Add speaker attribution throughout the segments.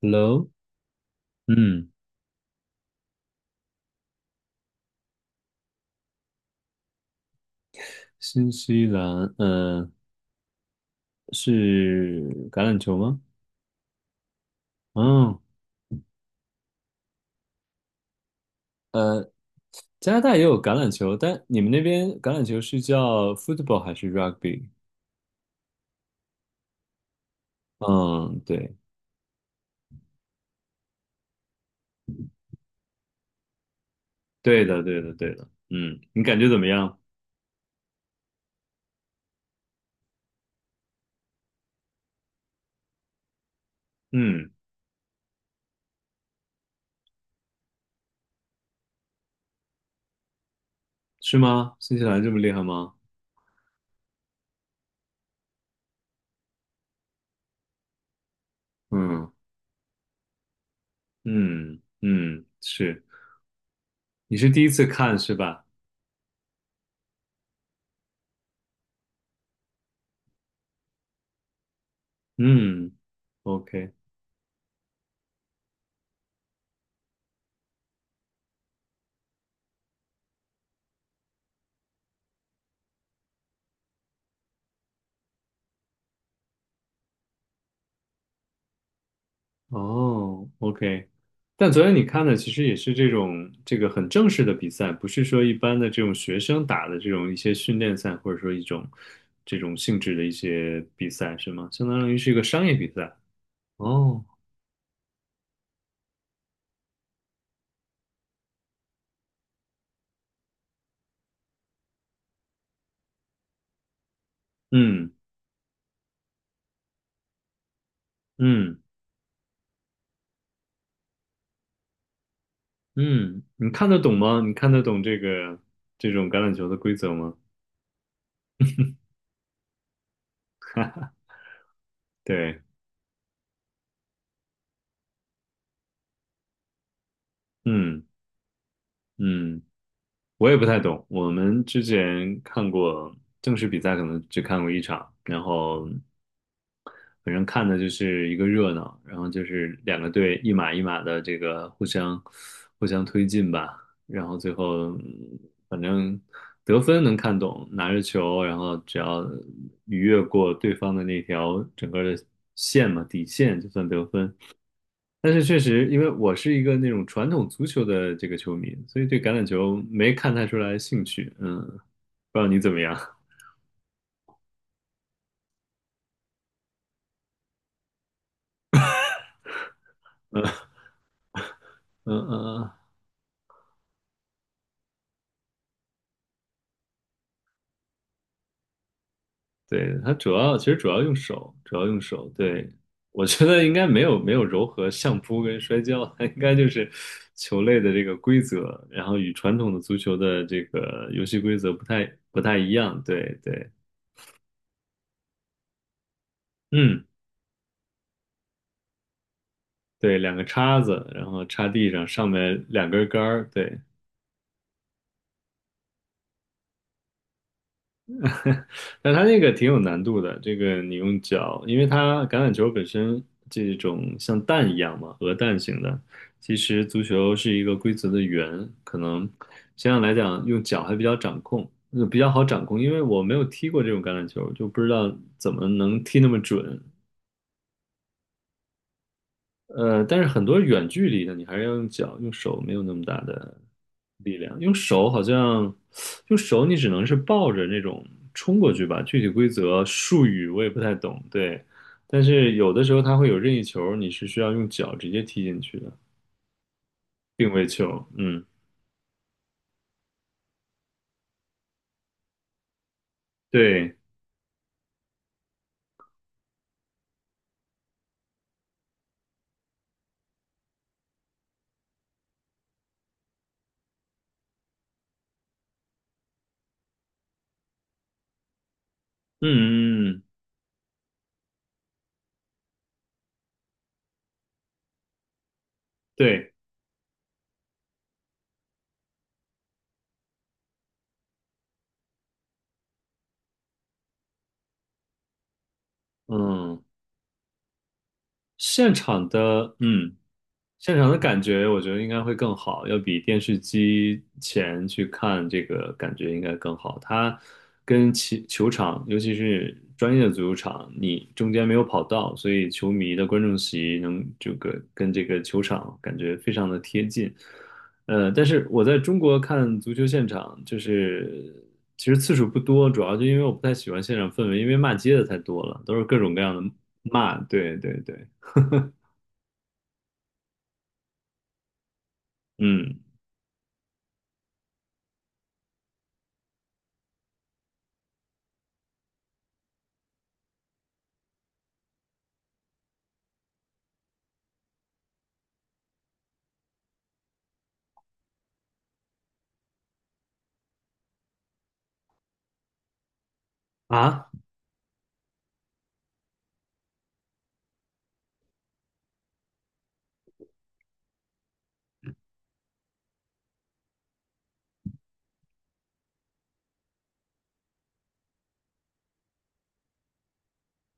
Speaker 1: Hello，嗯，新西兰，嗯，是橄榄球吗？嗯，呃，加拿大也有橄榄球，但你们那边橄榄球是叫 football 还是 rugby？嗯，对，对的，对的，对的，嗯，你感觉怎么样？嗯，是吗？新西兰这么厉害吗？嗯嗯嗯，是，你是第一次看是吧？嗯，OK。哦，OK，但昨天你看的其实也是这种这个很正式的比赛，不是说一般的这种学生打的这种一些训练赛，或者说一种这种性质的一些比赛，是吗？相当于是一个商业比赛。哦，嗯嗯嗯，你看得懂吗？你看得懂这个这种橄榄球的规则吗？对，嗯嗯，我也不太懂。我们之前看过正式比赛，可能只看过一场，然后反正看的就是一个热闹，然后就是两个队一码一码的这个互相推进吧，然后最后反正得分能看懂，拿着球，然后只要逾越过对方的那条整个的线嘛，底线就算得分。但是确实，因为我是一个那种传统足球的这个球迷，所以对橄榄球没看太出来兴趣。嗯，不知道你怎么样？嗯嗯嗯。对，它主要其实主要用手，主要用手。对，我觉得应该没有柔和相扑跟摔跤，它应该就是球类的这个规则，然后与传统的足球的这个游戏规则不太一样。对对，嗯，对，两个叉子，然后插地上，上面两根杆儿。对，但它那个挺有难度的，这个你用脚，因为它橄榄球本身这种像蛋一样嘛，鹅蛋型的。其实足球是一个规则的圆，可能相对来讲用脚还比较掌控，比较好掌控，因为我没有踢过这种橄榄球，就不知道怎么能踢那么准。但是很多远距离的你还是要用脚，用手没有那么大的力量，用手好像，用手你只能是抱着那种冲过去吧。具体规则术语我也不太懂，对。但是有的时候它会有任意球，你是需要用脚直接踢进去的，定位球。嗯，对，嗯嗯，嗯对，嗯嗯对现场的，嗯，现场的感觉，我觉得应该会更好，要比电视机前去看这个感觉应该更好。它跟其球场，尤其是专业的足球场，你中间没有跑道，所以球迷的观众席能这个跟这个球场感觉非常的贴近。但是我在中国看足球现场，就是其实次数不多，主要就因为我不太喜欢现场氛围，因为骂街的太多了，都是各种各样的骂，对对对。嗯啊，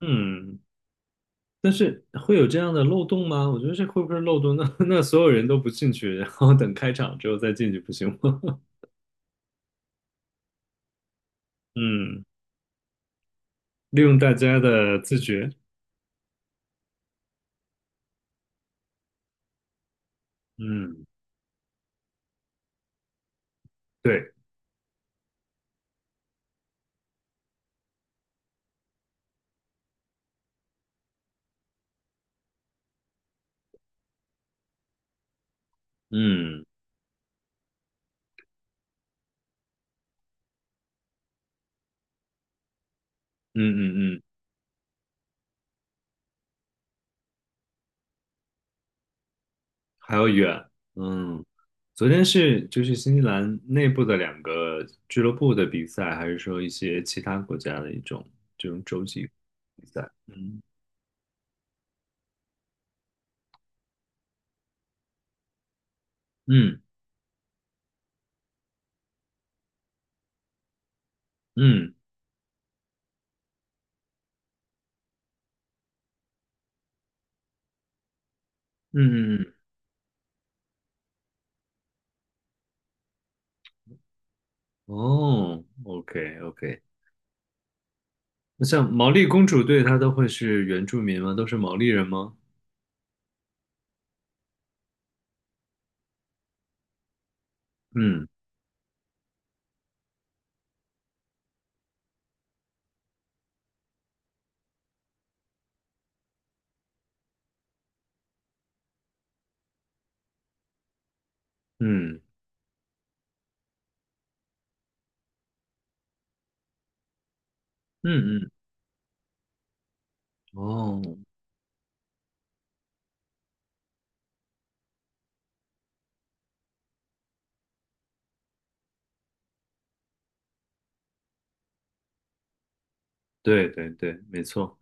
Speaker 1: 嗯，但是会有这样的漏洞吗？我觉得这会不会是漏洞？那 那所有人都不进去，然后等开场之后再进去，不行吗？嗯，利用大家的自觉。嗯，对，嗯嗯嗯嗯，还要远。嗯，昨天是就是新西兰内部的两个俱乐部的比赛，还是说一些其他国家的一种这种洲际比赛？嗯嗯嗯嗯嗯嗯，哦，OK OK。像毛利公主队，她都会是原住民吗？都是毛利人吗？嗯嗯嗯嗯，哦，对对对，没错。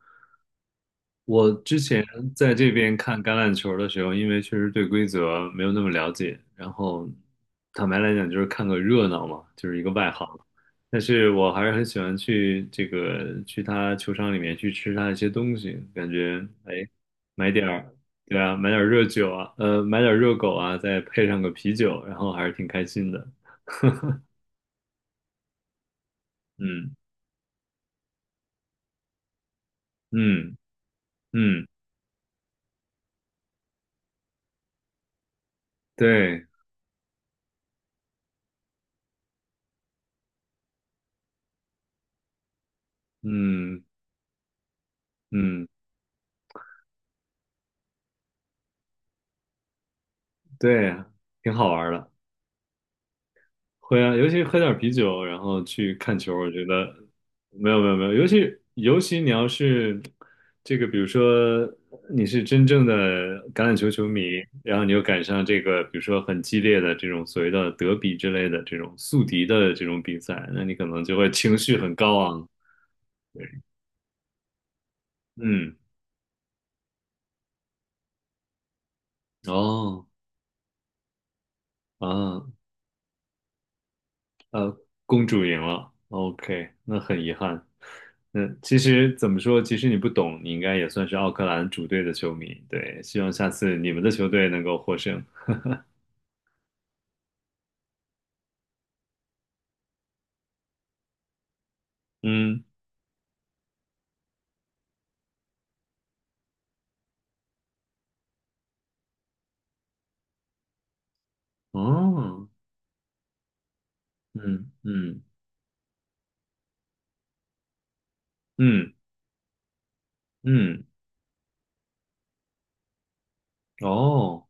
Speaker 1: 我之前在这边看橄榄球的时候，因为确实对规则没有那么了解，然后坦白来讲就是看个热闹嘛，就是一个外行。但是我还是很喜欢去这个去他球场里面去吃他一些东西，感觉哎，买点儿对啊，买点儿热酒啊，买点儿热狗啊，再配上个啤酒，然后还是挺开心的。嗯嗯嗯，对，嗯嗯对啊，挺好玩的。会啊，尤其喝点啤酒，然后去看球，我觉得没有没有没有，尤其你要是这个，比如说你是真正的橄榄球球迷，然后你又赶上这个，比如说很激烈的这种所谓的德比之类的这种宿敌的这种比赛，那你可能就会情绪很高昂。嗯，哦啊，公主赢了，OK，那很遗憾。嗯，其实怎么说，其实你不懂，你应该也算是奥克兰主队的球迷。对，希望下次你们的球队能够获胜。嗯，哦，嗯嗯嗯嗯，哦。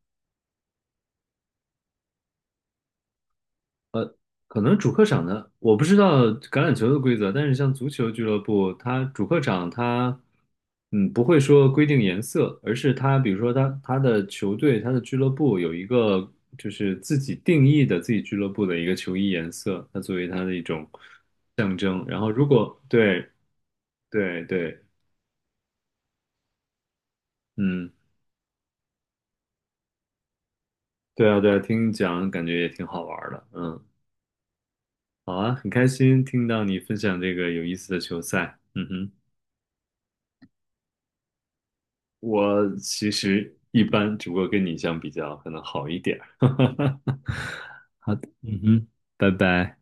Speaker 1: 可能主客场的，我不知道橄榄球的规则，但是像足球俱乐部，它主客场它，嗯，不会说规定颜色，而是它，比如说它的球队、它的俱乐部有一个就是自己定义的自己俱乐部的一个球衣颜色，它作为它的一种象征。然后如果对对对，嗯，对啊对啊，听你讲感觉也挺好玩儿的，嗯，好啊，很开心听到你分享这个有意思的球赛，嗯哼。我其实一般，只不过跟你相比较，可能好一点儿。嗯哼，拜拜。